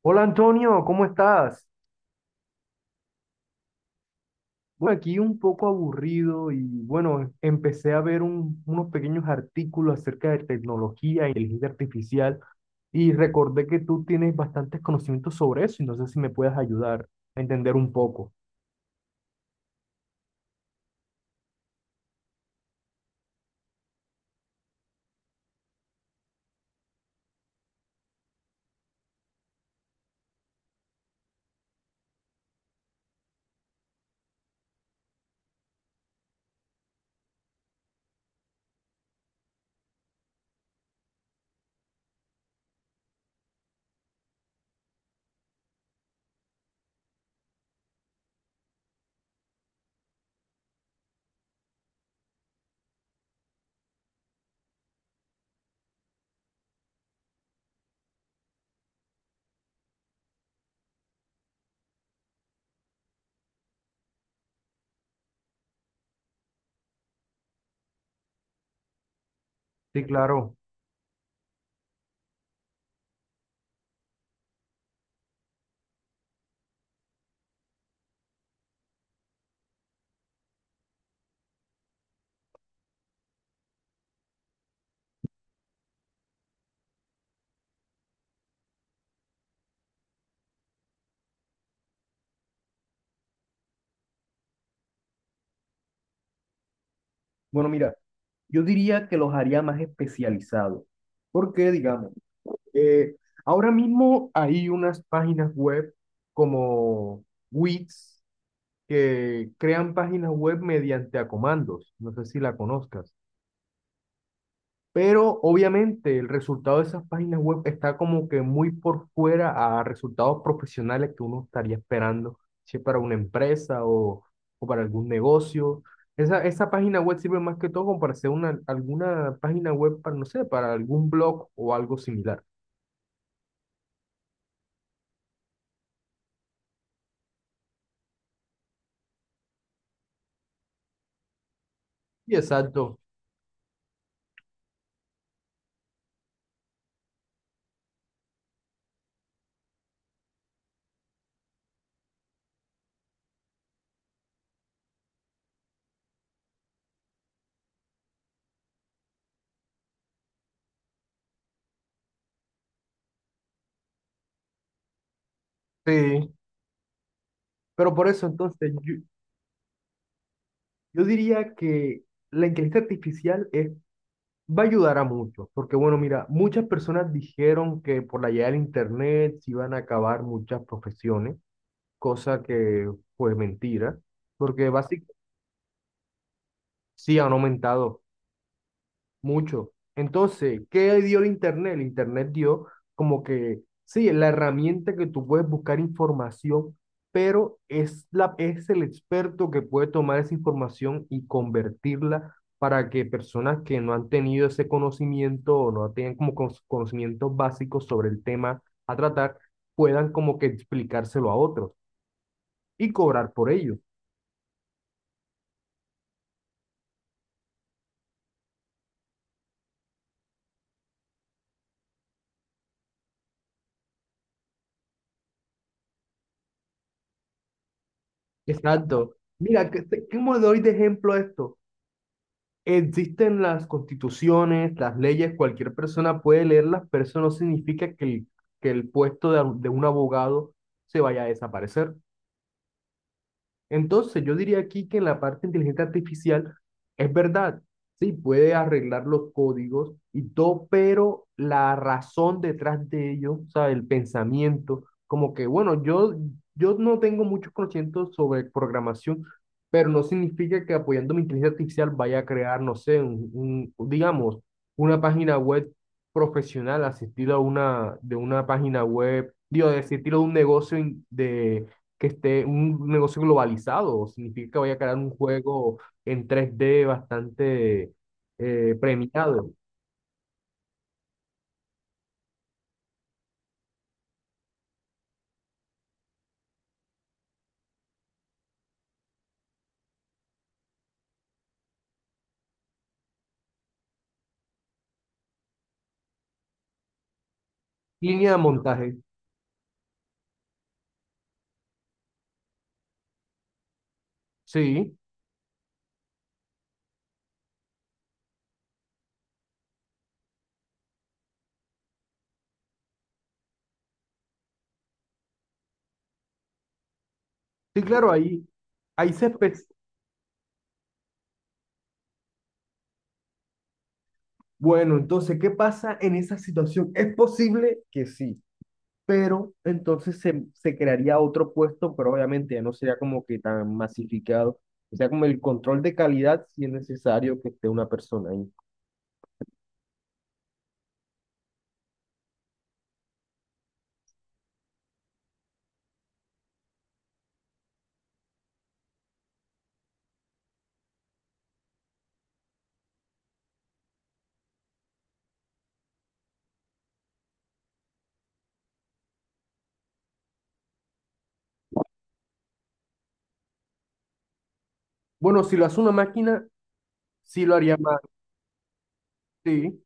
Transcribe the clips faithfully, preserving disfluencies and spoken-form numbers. Hola Antonio, ¿cómo estás? Bueno, aquí un poco aburrido y bueno, empecé a ver un- unos pequeños artículos acerca de tecnología e inteligencia artificial y recordé que tú tienes bastantes conocimientos sobre eso y no sé si me puedes ayudar a entender un poco. Sí, claro. Bueno, mira, yo diría que los haría más especializados, porque digamos, Eh, ahora mismo hay unas páginas web como Wix que crean páginas web mediante a comandos. No sé si la conozcas. Pero obviamente el resultado de esas páginas web está como que muy por fuera a resultados profesionales que uno estaría esperando, si es para una empresa o, o para algún negocio. Esa, esa página web sirve más que todo como para hacer una, alguna página web para, no sé, para algún blog o algo similar. Y exacto, sí. Pero por eso entonces yo, yo diría que la inteligencia artificial es. Va a ayudar a muchos, porque bueno, mira, muchas personas dijeron que por la llegada del Internet se iban a acabar muchas profesiones, cosa que fue mentira, porque básicamente sí han aumentado. Mucho. Entonces, ¿qué dio el Internet? El Internet dio como que, sí, la herramienta que tú puedes buscar información, pero es, la, es el experto que puede tomar esa información y convertirla para que personas que no han tenido ese conocimiento o no tienen como con- conocimientos básicos sobre el tema a tratar, puedan como que explicárselo a otros y cobrar por ello. Exacto. Mira, ¿qué, qué- ¿cómo le doy de ejemplo a esto? Existen las constituciones, las leyes, cualquier persona puede leerlas, pero eso no significa que el, que el puesto de, de un abogado se vaya a desaparecer. Entonces, yo diría aquí que en la parte de inteligencia artificial es verdad, sí, puede arreglar los códigos y todo, pero la razón detrás de ello, o sea, el pensamiento, como que, bueno, yo, yo no tengo muchos conocimientos sobre programación, pero no significa que apoyando mi inteligencia artificial vaya a crear, no sé, un, un- digamos, una página web profesional, asistir a una, de una página web, digo, de asistir a un negocio in- de que esté un negocio globalizado. Significa que vaya a crear un juego en tres D bastante eh, premiado. Línea de montaje. Sí, sí, claro, ahí, ahí se... espe- Bueno, entonces, ¿qué pasa en esa situación? Es posible que sí, pero entonces se, se crearía otro puesto, pero obviamente ya no sería como que tan masificado. O sea, como el control de calidad, si es necesario que esté una persona ahí. Bueno, si lo hace una máquina, sí lo haría más. Sí,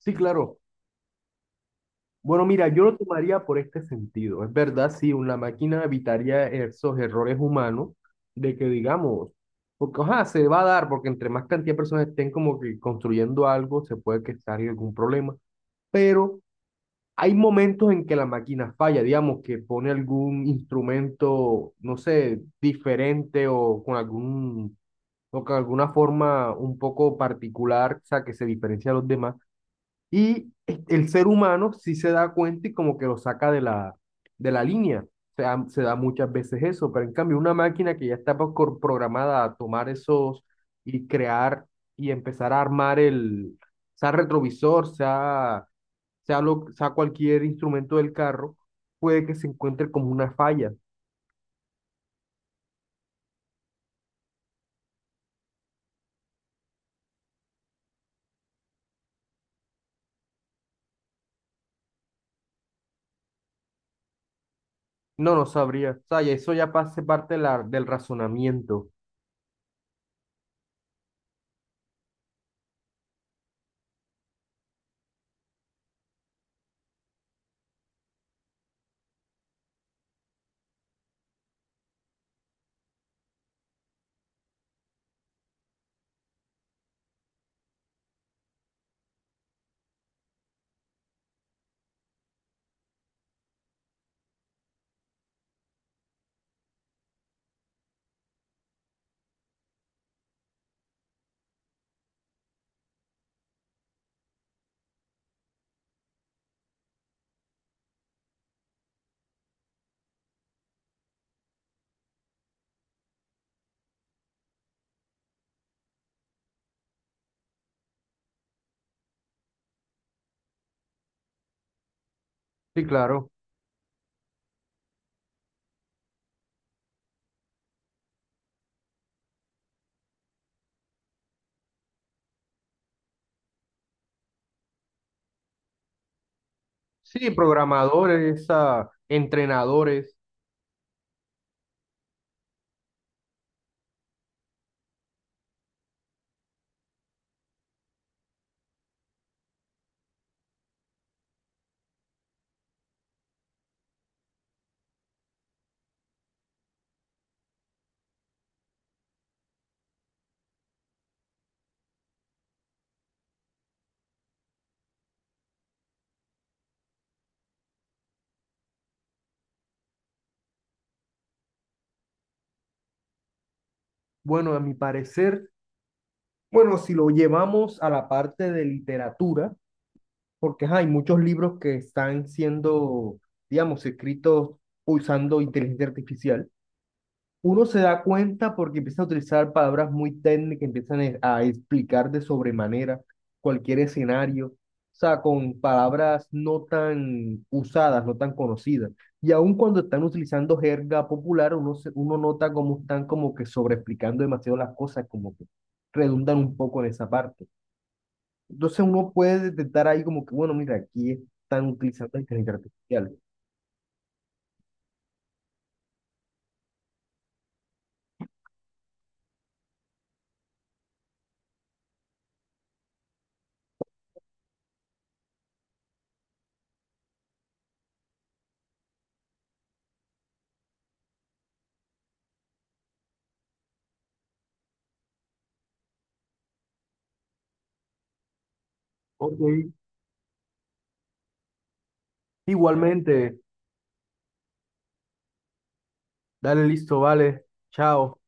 sí, claro. Bueno, mira, yo lo tomaría por este sentido. Es verdad, sí, una máquina evitaría esos errores humanos de que digamos, porque ajá, se va a dar, porque entre más cantidad de personas estén como que construyendo algo, se puede que salga algún problema. Pero hay momentos en que la máquina falla, digamos, que pone algún instrumento, no sé, diferente o con algún, o con alguna forma un poco particular, o sea, que se diferencia de los demás. Y el ser humano sí se da cuenta y como que lo saca de la, de la línea. Se da, se da muchas veces eso, pero en cambio una máquina que ya está pro- programada a tomar esos y crear y empezar a armar el, sea retrovisor, sea, sea, lo, sea cualquier instrumento del carro, puede que se encuentre como una falla. No, no sabría. O sea, y eso ya pase parte de la- del razonamiento. Sí, claro. Sí, programadores, ah, entrenadores. Bueno, a mi parecer, bueno, si lo llevamos a la parte de literatura, porque ajá, hay muchos libros que están siendo, digamos, escritos usando inteligencia artificial. Uno se da cuenta porque empiezan a utilizar palabras muy técnicas, empiezan e- a explicar de sobremanera cualquier escenario, o sea, con palabras no tan usadas, no tan conocidas. Y aun cuando están utilizando jerga popular, uno, se- uno nota cómo están como que sobreexplicando demasiado las cosas, como que redundan un poco en esa parte. Entonces uno puede detectar ahí como que, bueno, mira, aquí están utilizando inteligencia artificial. Ok, igualmente, dale listo, vale, chao.